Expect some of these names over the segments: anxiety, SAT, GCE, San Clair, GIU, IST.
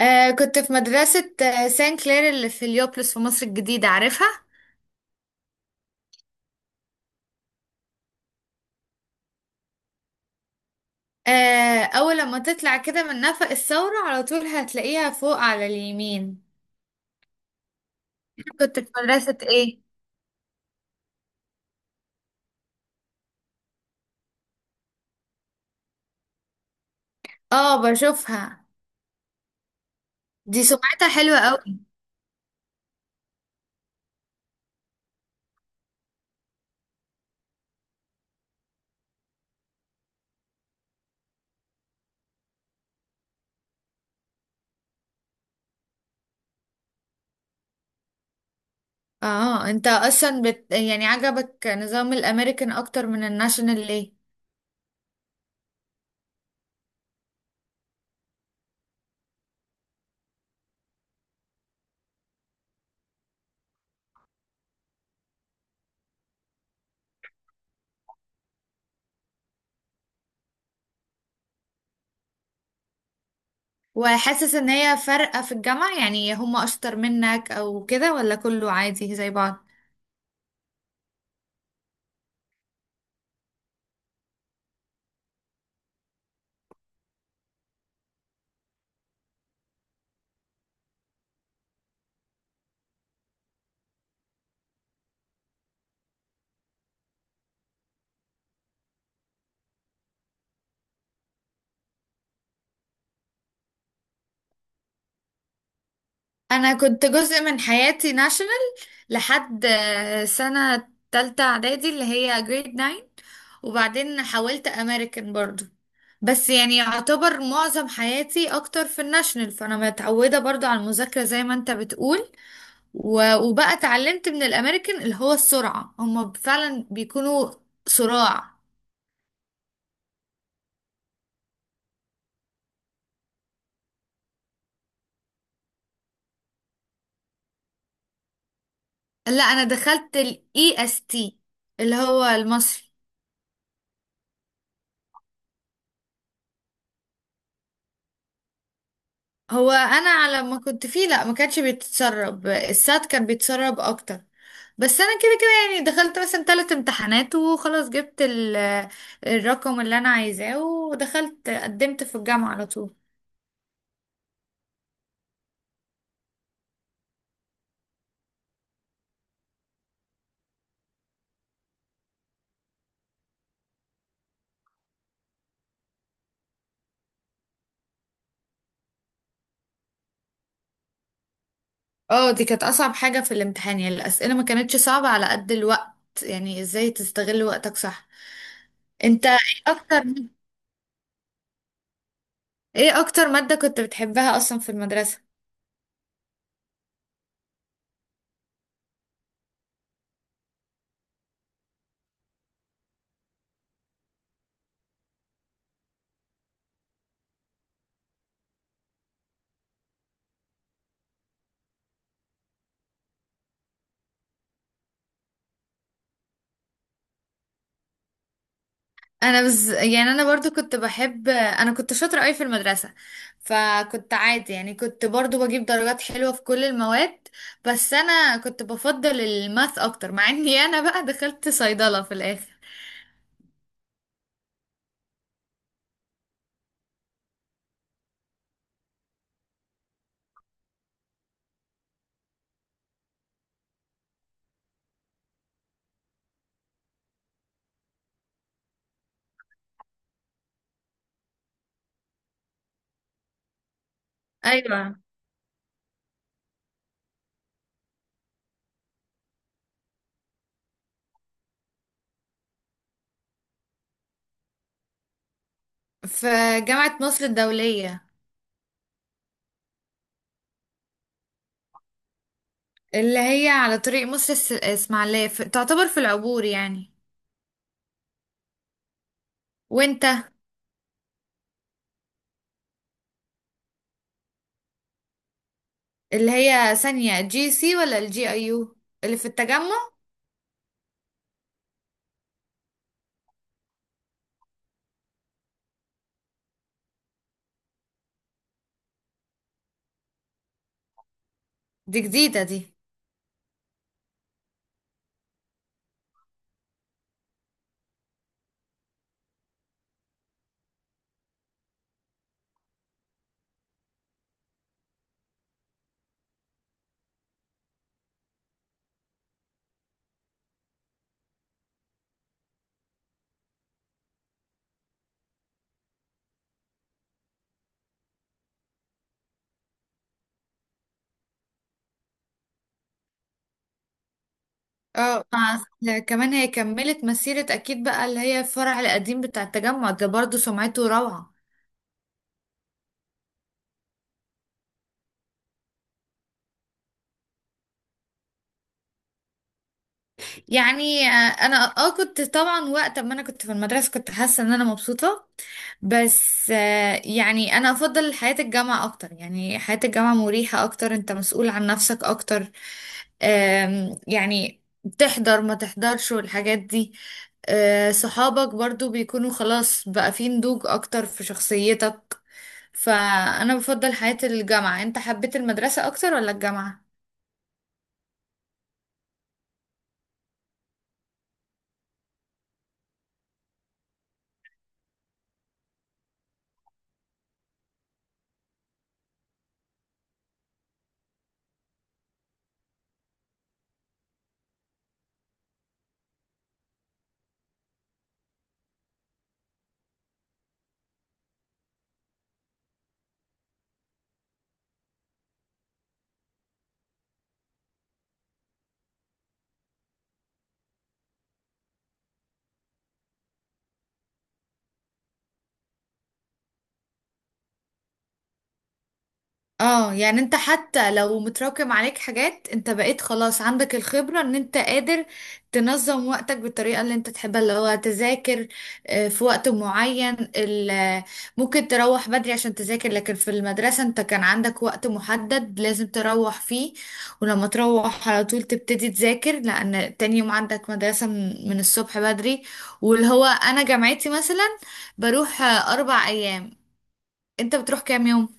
كنت في مدرسة سان كلير اللي في اليوبلس في مصر الجديدة، عارفها؟ آه، أول لما تطلع كده من نفق الثورة على طول هتلاقيها فوق على اليمين. كنت في مدرسة إيه؟ آه، بشوفها. دي سمعتها حلوة قوي. آه، أنت أصلا يعني عجبك نظام الأمريكان أكتر من الناشونال ليه؟ وحاسس إن هي فارقة في الجامعة، يعني هم أشطر منك أو كده ولا كله عادي زي بعض؟ انا كنت جزء من حياتي ناشونال لحد سنة تالتة اعدادي اللي هي جريد 9، وبعدين حولت امريكان برضو. بس يعني يعتبر معظم حياتي اكتر في الناشونال، فانا متعودة برضو على المذاكرة زي ما انت بتقول. وبقى اتعلمت من الامريكان اللي هو السرعة، هما فعلا بيكونوا صراع. لا انا دخلت الاي اس تي، اللي هو المصري. هو انا على ما كنت فيه لا ما كانش بيتسرب، السات كان بيتسرب اكتر. بس انا كده كده يعني دخلت مثلا 3 امتحانات وخلاص، جبت الرقم اللي انا عايزاه، ودخلت قدمت في الجامعة على طول. اه دي كانت اصعب حاجة في الامتحان، يعني الاسئلة ما كانتش صعبة على قد الوقت، يعني ازاي تستغل وقتك صح. انت ايه اكتر ايه اكتر مادة كنت بتحبها اصلا في المدرسة؟ انا بس يعني انا برضو كنت بحب، انا كنت شاطره قوي في المدرسه، فكنت عادي يعني كنت برضو بجيب درجات حلوه في كل المواد. بس انا كنت بفضل الماث اكتر، مع اني انا بقى دخلت صيدله في الاخر. ايوه، في جامعه مصر الدوليه. اللي هي على طريق مصر الاسماعيليه، في... تعتبر في العبور يعني. وانت؟ اللي هي ثانيه جي سي ولا الجي اي يو، اللي في التجمع؟ دي جديده دي. اه كمان هي كملت مسيرة اكيد بقى، اللي هي الفرع القديم بتاع التجمع ده، برضو سمعته روعة. يعني انا كنت طبعا وقت ما انا كنت في المدرسه كنت حاسه ان انا مبسوطه. بس يعني انا افضل حياه الجامعه اكتر، يعني حياه الجامعه مريحه اكتر، انت مسؤول عن نفسك اكتر. يعني تحضر ما تحضرش والحاجات دي. صحابك برضو بيكونوا خلاص بقى في نضوج اكتر في شخصيتك. فانا بفضل حياه الجامعه. انت حبيت المدرسه اكتر ولا الجامعه؟ اه يعني انت حتى لو متراكم عليك حاجات انت بقيت خلاص عندك الخبرة ان انت قادر تنظم وقتك بالطريقة اللي انت تحبها، اللي هو تذاكر في وقت معين، ممكن تروح بدري عشان تذاكر، لكن في المدرسة انت كان عندك وقت محدد لازم تروح فيه. ولما تروح على طول تبتدي تذاكر لان تاني يوم عندك مدرسة من الصبح بدري. واللي هو انا جامعتي مثلا بروح 4 ايام. انت بتروح كام يوم؟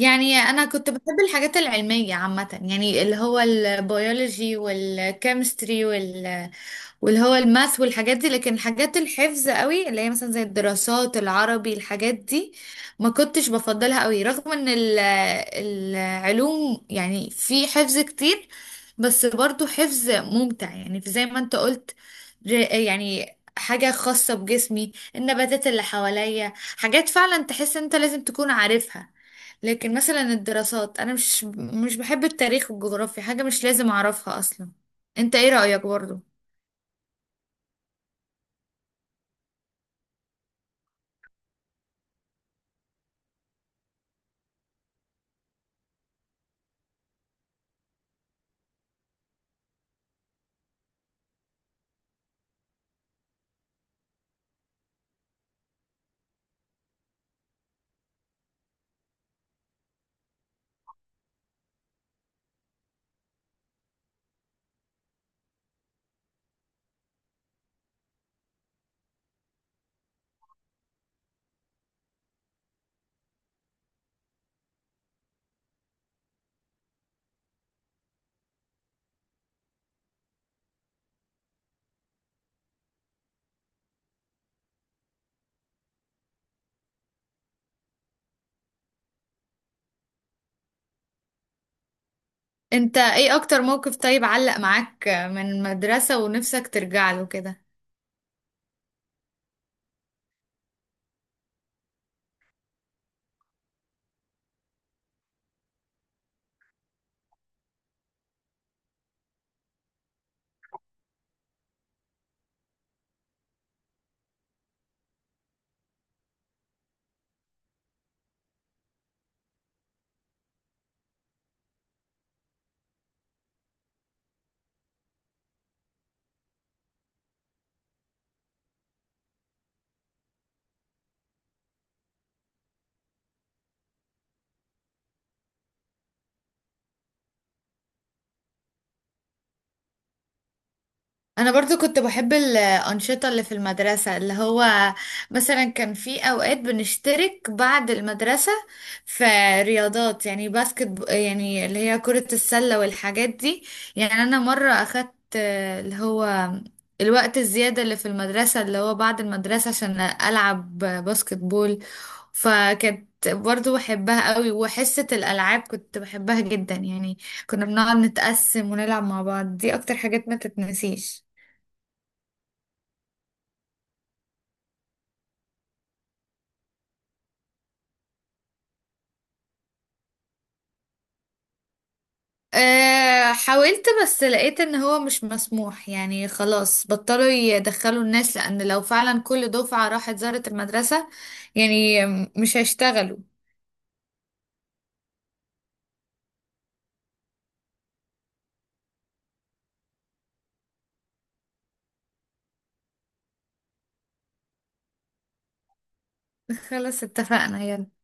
يعني انا كنت بحب الحاجات العلميه عامه، يعني اللي هو البيولوجي والكيمستري واللي هو الماث والحاجات دي. لكن الحاجات الحفظ قوي اللي هي مثلا زي الدراسات العربي، الحاجات دي ما كنتش بفضلها قوي، رغم ان العلوم يعني في حفظ كتير، بس برضو حفظ ممتع يعني زي ما انت قلت. يعني حاجة خاصة بجسمي، النباتات اللي حواليا، حاجات فعلا تحس انت لازم تكون عارفها. لكن مثلا الدراسات انا مش بحب التاريخ والجغرافيا، حاجة مش لازم اعرفها اصلا. انت ايه رأيك برضو؟ انت ايه اكتر موقف طيب علق معاك من المدرسة ونفسك ترجع له كده؟ انا برضو كنت بحب الانشطه اللي في المدرسه، اللي هو مثلا كان في اوقات بنشترك بعد المدرسه في رياضات، يعني يعني اللي هي كره السله والحاجات دي. يعني انا مره اخدت اللي هو الوقت الزياده اللي في المدرسه اللي هو بعد المدرسه عشان العب باسكت بول. فكانت برضو بحبها قوي، وحصه الالعاب كنت بحبها جدا يعني. كنا بنقعد نتقسم ونلعب مع بعض، دي اكتر حاجات ما تتنسيش. أه حاولت، بس لقيت ان هو مش مسموح، يعني خلاص بطلوا يدخلوا الناس، لان لو فعلا كل دفعة راحت زارت المدرسة يعني مش هيشتغلوا. خلاص اتفقنا، يلا.